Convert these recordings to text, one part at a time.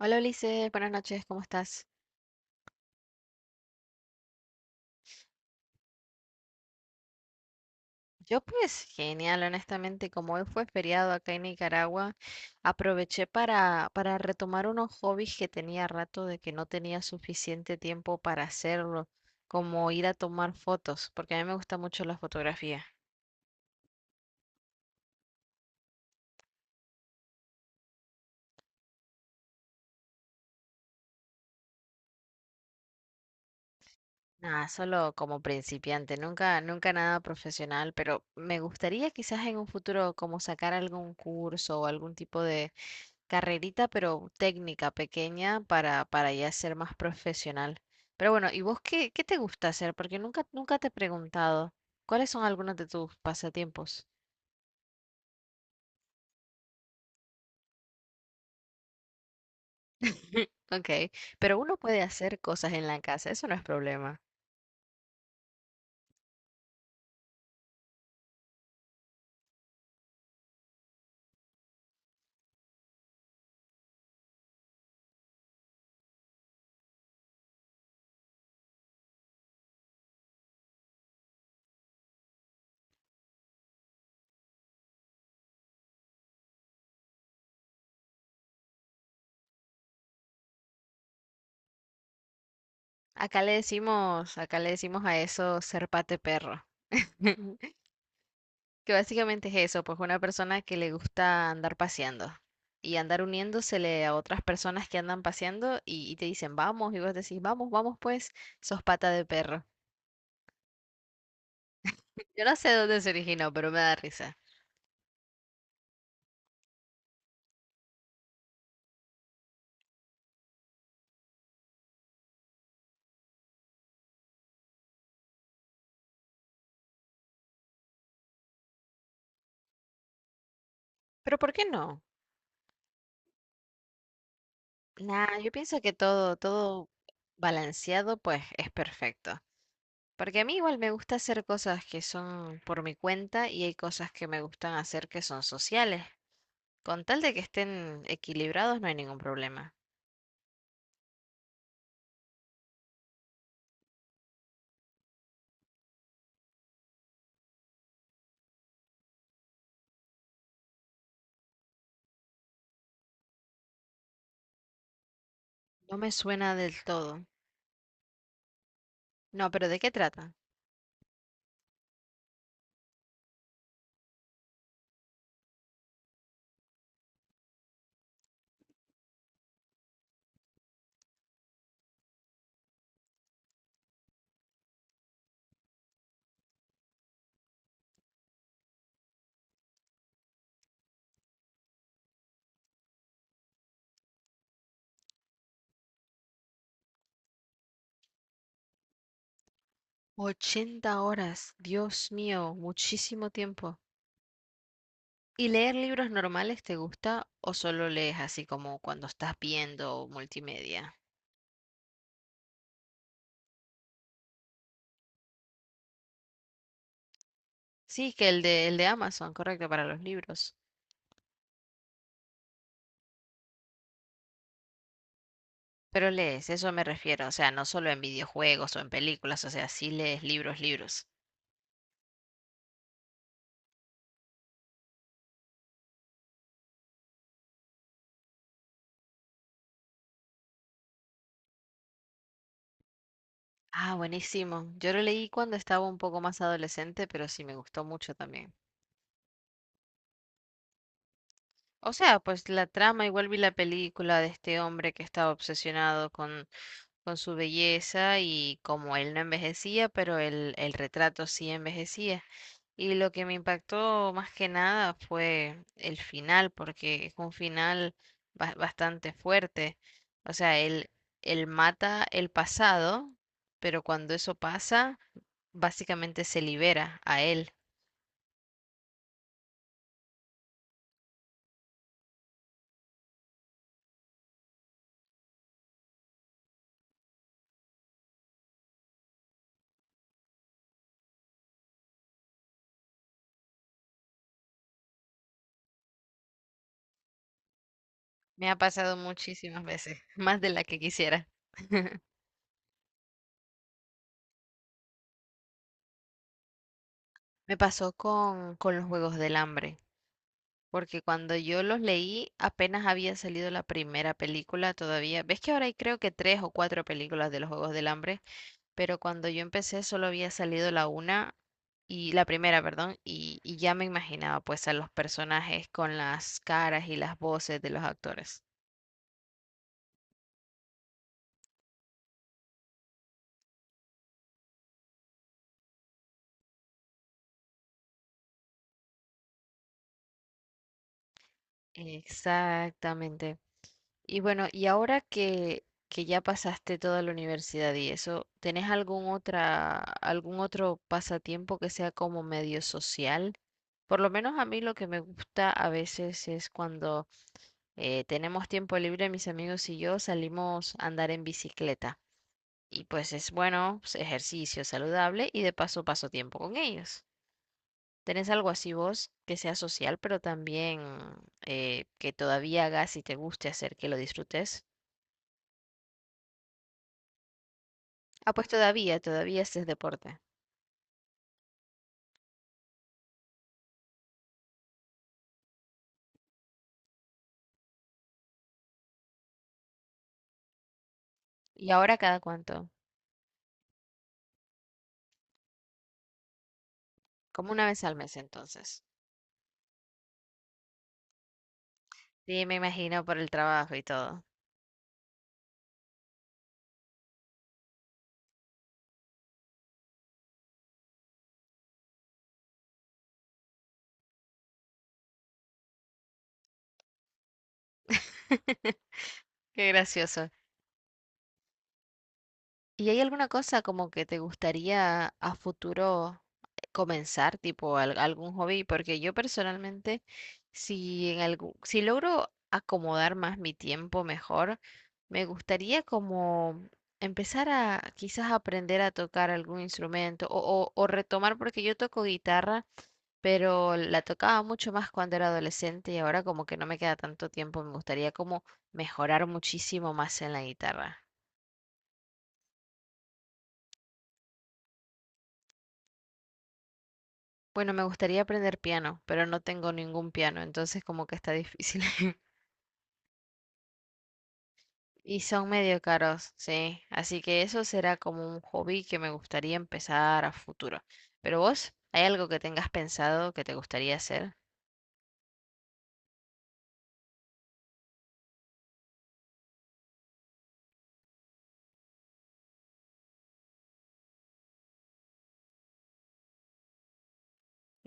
Hola Ulises, buenas noches, ¿cómo estás? Yo pues genial, honestamente, como hoy fue feriado acá en Nicaragua, aproveché para retomar unos hobbies que tenía rato de que no tenía suficiente tiempo para hacerlo, como ir a tomar fotos, porque a mí me gusta mucho la fotografía. Nada, solo como principiante, nunca, nunca nada profesional, pero me gustaría quizás en un futuro como sacar algún curso o algún tipo de carrerita, pero técnica pequeña para ya ser más profesional. Pero bueno, ¿y vos qué te gusta hacer? Porque nunca, nunca te he preguntado cuáles son algunos de tus pasatiempos. Ok, pero uno puede hacer cosas en la casa, eso no es problema. Acá le decimos a eso ser pate perro. Que básicamente es eso, pues una persona que le gusta andar paseando y andar uniéndosele a otras personas que andan paseando y te dicen vamos y vos decís vamos, vamos pues, sos pata de perro. Yo no sé dónde se originó, pero me da risa. Pero ¿por qué no? Nah, yo pienso que todo balanceado pues es perfecto. Porque a mí igual me gusta hacer cosas que son por mi cuenta y hay cosas que me gustan hacer que son sociales. Con tal de que estén equilibrados no hay ningún problema. No me suena del todo. No, pero ¿de qué trata? 80 horas, Dios mío, muchísimo tiempo. ¿Y leer libros normales te gusta o solo lees así como cuando estás viendo multimedia? Sí, que el de Amazon, correcto, para los libros. Pero lees, eso me refiero, o sea, no solo en videojuegos o en películas, o sea, sí lees libros, libros. Ah, buenísimo. Yo lo leí cuando estaba un poco más adolescente, pero sí me gustó mucho también. O sea, pues la trama, igual vi la película de este hombre que estaba obsesionado con su belleza y como él no envejecía, pero el retrato sí envejecía. Y lo que me impactó más que nada fue el final, porque es un final bastante fuerte. O sea, él mata el pasado, pero cuando eso pasa, básicamente se libera a él. Me ha pasado muchísimas veces, más de la que quisiera. Me pasó con los Juegos del Hambre. Porque cuando yo los leí, apenas había salido la primera película todavía. Ves que ahora hay creo que tres o cuatro películas de los Juegos del Hambre, pero cuando yo empecé solo había salido la una y la primera, perdón, y ya me imaginaba pues a los personajes con las caras y las voces de los actores. Exactamente. Y bueno, y ahora que ya pasaste toda la universidad y eso, ¿tenés algún otra, algún otro pasatiempo que sea como medio social? Por lo menos a mí lo que me gusta a veces es cuando tenemos tiempo libre, mis amigos y yo salimos a andar en bicicleta. Y pues es bueno, pues, ejercicio saludable y de paso paso tiempo con ellos. ¿Tenés algo así vos que sea social, pero también que todavía hagas y te guste hacer, que lo disfrutes? Ah, pues todavía, todavía este es deporte. ¿Y ahora cada cuánto? Como una vez al mes entonces. Sí, me imagino por el trabajo y todo. Qué gracioso. ¿Y hay alguna cosa como que te gustaría a futuro comenzar, tipo algún hobby? Porque yo personalmente, si en algún, si logro acomodar más mi tiempo mejor, me gustaría como empezar a quizás aprender a tocar algún instrumento o retomar, porque yo toco guitarra pero la tocaba mucho más cuando era adolescente y ahora como que no me queda tanto tiempo, me gustaría como mejorar muchísimo más en la guitarra. Bueno, me gustaría aprender piano, pero no tengo ningún piano, entonces como que está difícil. Y son medio caros, sí. Así que eso será como un hobby que me gustaría empezar a futuro. Pero vos, ¿hay algo que tengas pensado que te gustaría hacer?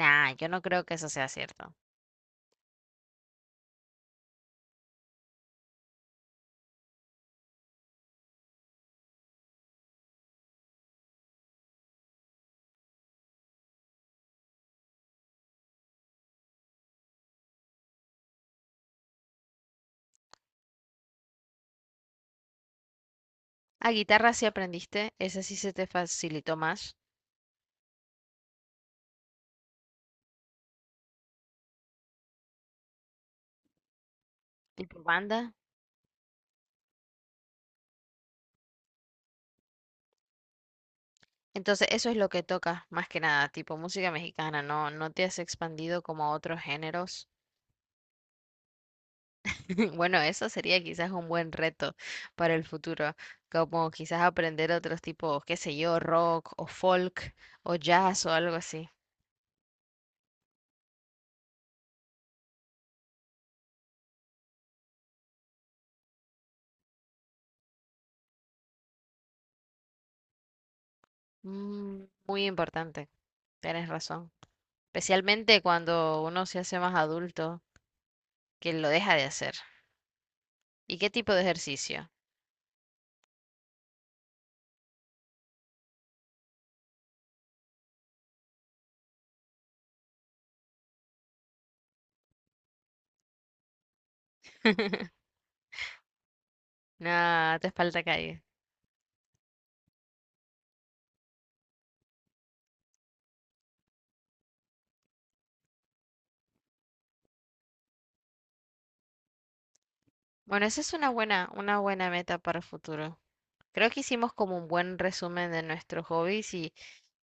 Nah, yo no creo que eso sea cierto. A guitarra sí aprendiste, esa sí se te facilitó más. ¿Tipo banda? Entonces, eso es lo que tocas más que nada, tipo música mexicana, ¿no? No te has expandido como a otros géneros. Bueno, eso sería quizás un buen reto para el futuro, como quizás aprender otros tipos, qué sé yo, rock o folk o jazz o algo así. Mm, muy importante, tienes razón. Especialmente cuando uno se hace más adulto, que lo deja de hacer. ¿Y qué tipo de ejercicio? Nada, te falta calle. Bueno, esa es una, buena, una buena meta para el futuro. Creo que hicimos como un buen resumen de nuestros hobbies y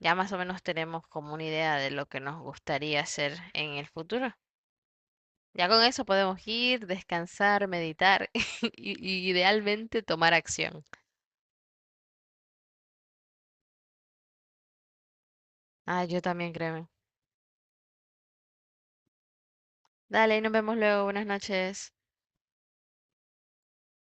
ya más o menos tenemos como una idea de lo que nos gustaría hacer en el futuro. Ya con eso podemos ir, descansar, meditar y, y idealmente tomar acción. Ah, yo también, créeme. Dale, nos vemos luego. Buenas noches.